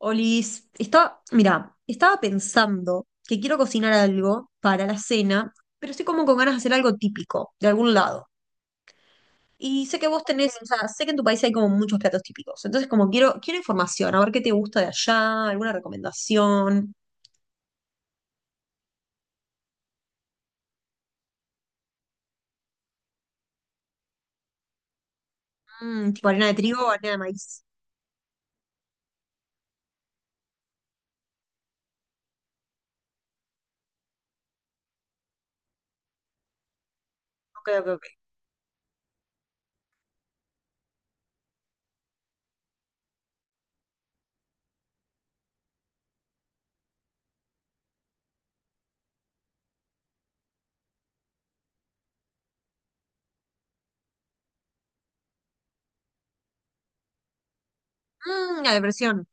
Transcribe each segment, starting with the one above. Olis, estaba estaba pensando que quiero cocinar algo para la cena, pero estoy como con ganas de hacer algo típico, de algún lado. Y sé que vos tenés, o sea, sé que en tu país hay como muchos platos típicos. Entonces, como quiero información, a ver qué te gusta de allá, alguna recomendación. Mm, tipo harina de trigo o harina de maíz. Ok, ok, ok. Mm, la depresión.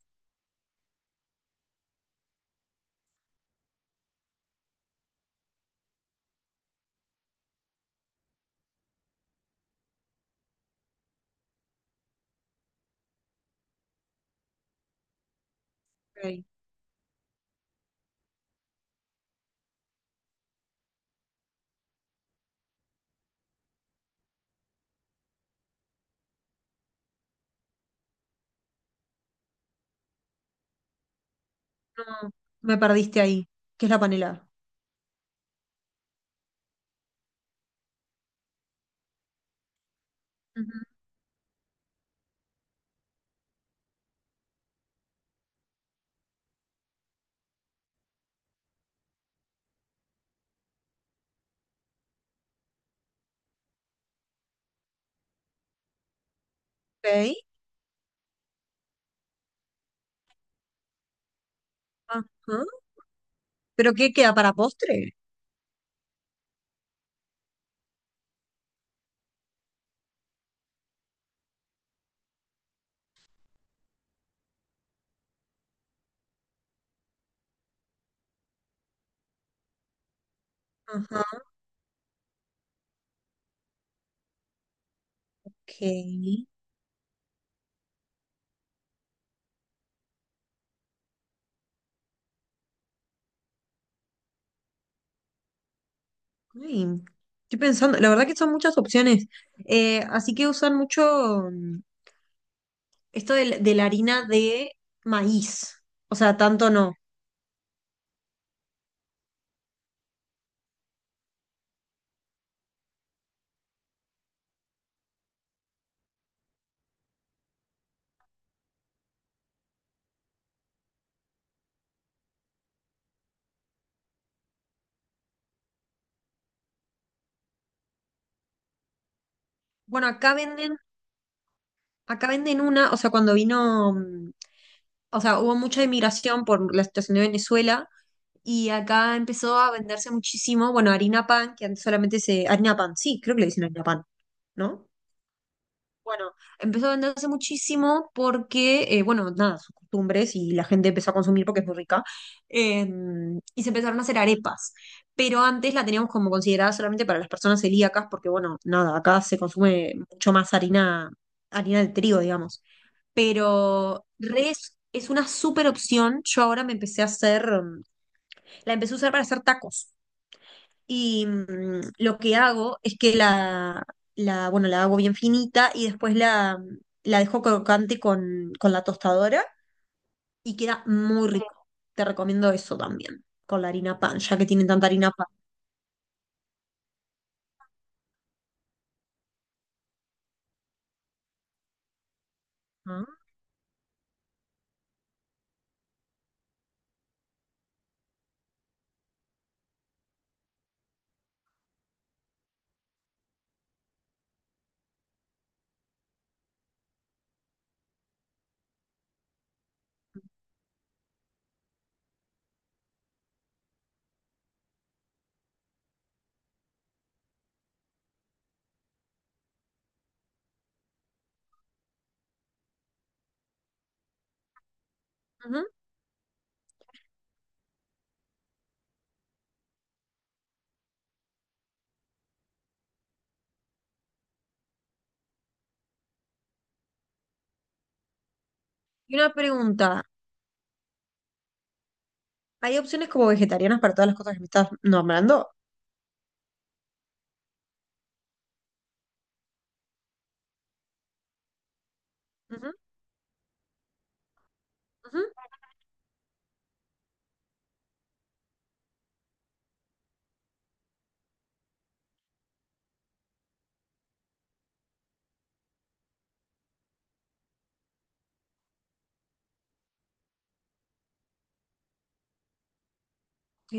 Ok. No, me perdiste ahí. ¿Qué es la panela? Ujú. Ok. Ajá. ¿Pero qué queda para postre? Ajá. Ok. Ay, estoy pensando, la verdad que son muchas opciones. Así que usan mucho mm, esto de la harina de maíz. O sea, tanto no. Bueno, acá venden una, o sea, cuando vino, o sea, hubo mucha inmigración por la situación de Venezuela y acá empezó a venderse muchísimo, bueno, harina pan, que antes solamente se, harina pan, sí, creo que le dicen harina pan, ¿no? Bueno, empezó a venderse muchísimo porque, bueno, nada, sus costumbres y la gente empezó a consumir porque es muy rica. eh, y se empezaron a hacer arepas. Pero antes la teníamos como considerada solamente para las personas celíacas porque, bueno, nada, acá se consume mucho más harina, harina de trigo, digamos. Pero res es una súper opción. Yo ahora me empecé a hacer, la empecé a usar para hacer tacos. Y lo que hago es que bueno, la hago bien finita y después la, la dejo crocante con la tostadora y queda muy rico. Te recomiendo eso también, con la harina pan, ya que tienen tanta harina pan. Ah, ujú. Y una pregunta, ¿hay opciones como vegetarianas para todas las cosas que me estás nombrando? Ujú, ujú. Ok.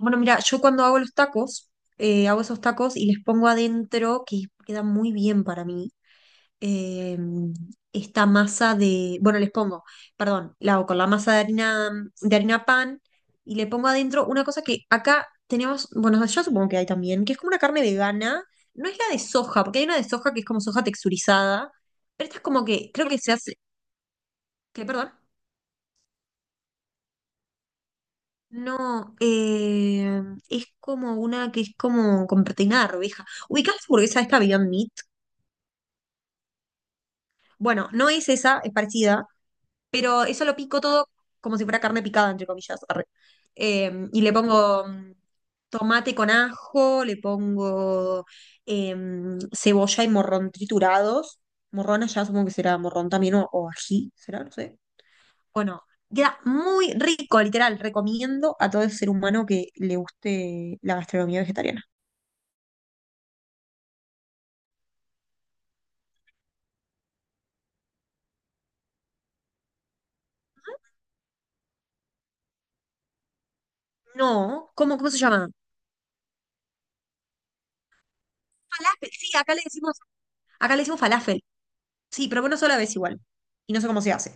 Bueno, mira, yo cuando hago los tacos, hago esos tacos y les pongo adentro, que queda muy bien para mí eh, esta masa de, bueno, les pongo, perdón, la hago con la masa de harina pan y le pongo adentro una cosa que acá tenemos, bueno, yo supongo que hay también, que es como una carne vegana, no es la de soja, porque hay una de soja que es como soja texturizada, pero esta es como que, creo que se hace, que perdón, no, es como una que es como con proteína de arveja. ¿Ubicás la hamburguesa esta Beyond Meat? Bueno, no es esa, es parecida, pero eso lo pico todo como si fuera carne picada, entre comillas. Arre. Y le pongo tomate con ajo, le pongo cebolla y morrón triturados. Morrón allá supongo que será morrón también o ají, será, no sé. Bueno, queda muy rico, literal. Recomiendo a todo ser humano que le guste la gastronomía vegetariana. No, ¿cómo, cómo se llama? Falafel, sí, acá le decimos falafel. Sí, pero bueno, sola vez igual. Y no sé cómo se hace.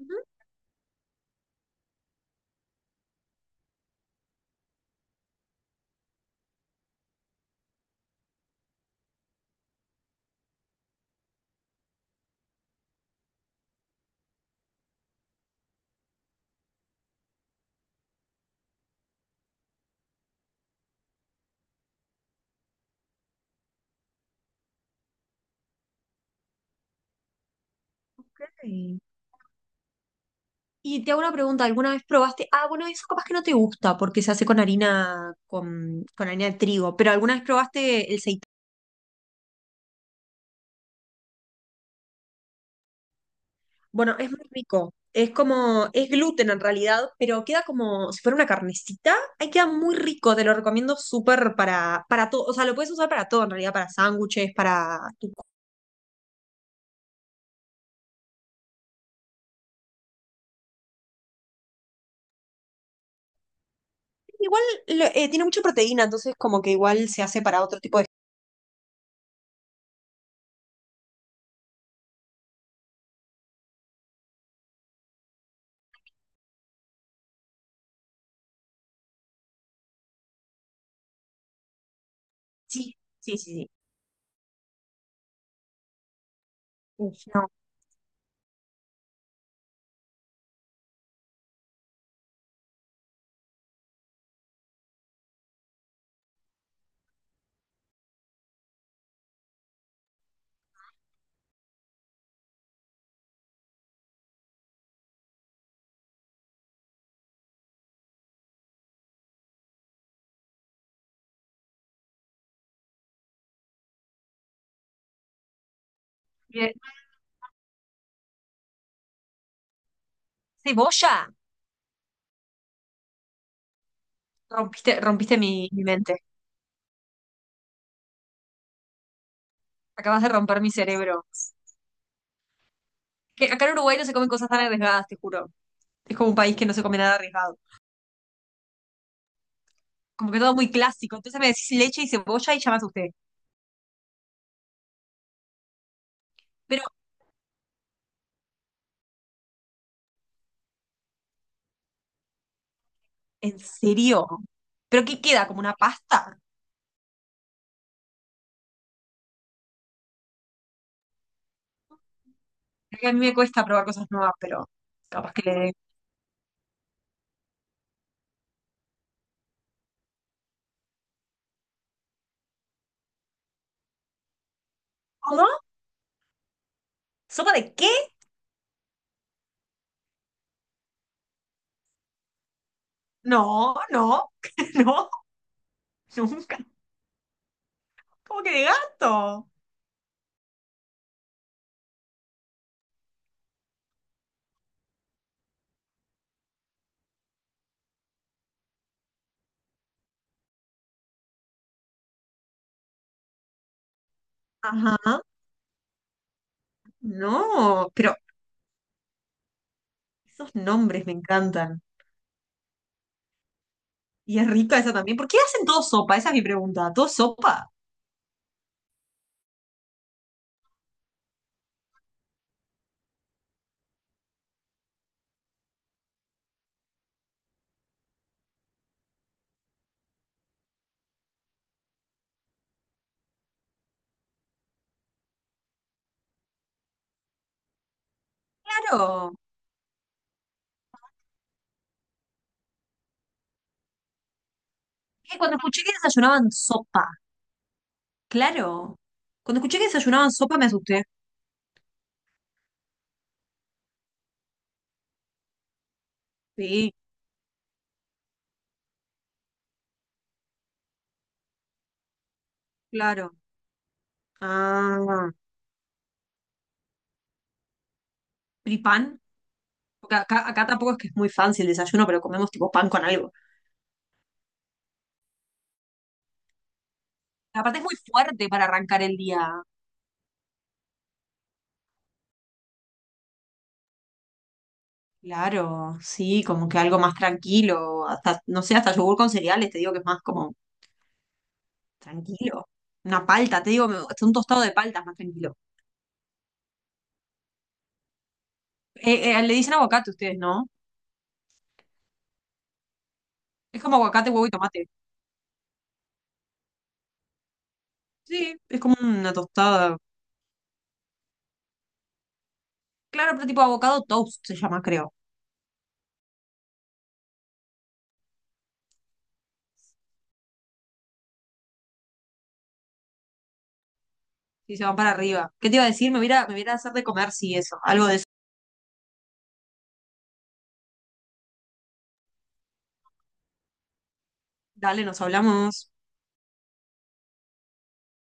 Ujú, ok. Y te hago una pregunta, ¿alguna vez probaste? Ah, bueno, eso capaz que no te gusta porque se hace con harina de trigo, pero ¿alguna vez probaste el seitán? Bueno, es muy rico. Es como, es gluten en realidad, pero queda como si fuera una carnecita. Ahí queda muy rico, te lo recomiendo súper para todo. O sea, lo puedes usar para todo en realidad, para sándwiches, para tu... Igual tiene mucha proteína, entonces como que igual se hace para otro tipo de... Sí, sí, sí, sí. Uf, no. Bien. Cebolla. Rompiste, rompiste mi mente. Acabas de romper mi cerebro. Que acá en Uruguay no se comen cosas tan arriesgadas, te juro. Es como un país que no se come nada arriesgado. Como que todo muy clásico. Entonces me decís leche y cebolla y ya me asusté. Pero, ¿en serio? ¿Pero qué queda? ¿Como una pasta? Es que a mí me cuesta probar cosas nuevas, pero capaz que le dé. ¿Cómo? ¿Sopa de qué? No, no, no, nunca. ¿Cómo que de gato? Ajá, no, pero esos nombres me encantan. Y es rica esa también. ¿Por qué hacen todo sopa? Esa es mi pregunta. ¿Todo sopa? Claro. Cuando escuché que desayunaban sopa. Claro. Cuando escuché que desayunaban sopa me asusté. Sí, claro. Ah. ¿Y pan? Porque acá, acá tampoco es que es muy fancy el desayuno, pero comemos tipo pan con algo. Aparte es muy fuerte para arrancar el día. Claro, sí, como que algo más tranquilo. Hasta, no sé, hasta yogur con cereales, te digo que es más como tranquilo. Una palta, te digo, hasta un tostado de palta es más tranquilo. Le dicen aguacate ustedes, ¿no? Es como aguacate, huevo y tomate. Sí, es como una tostada. Claro, pero tipo avocado toast se llama, creo. Y se van para arriba. ¿Qué te iba a decir? Me voy a hacer de comer, sí, eso. Algo de eso. Dale, nos hablamos.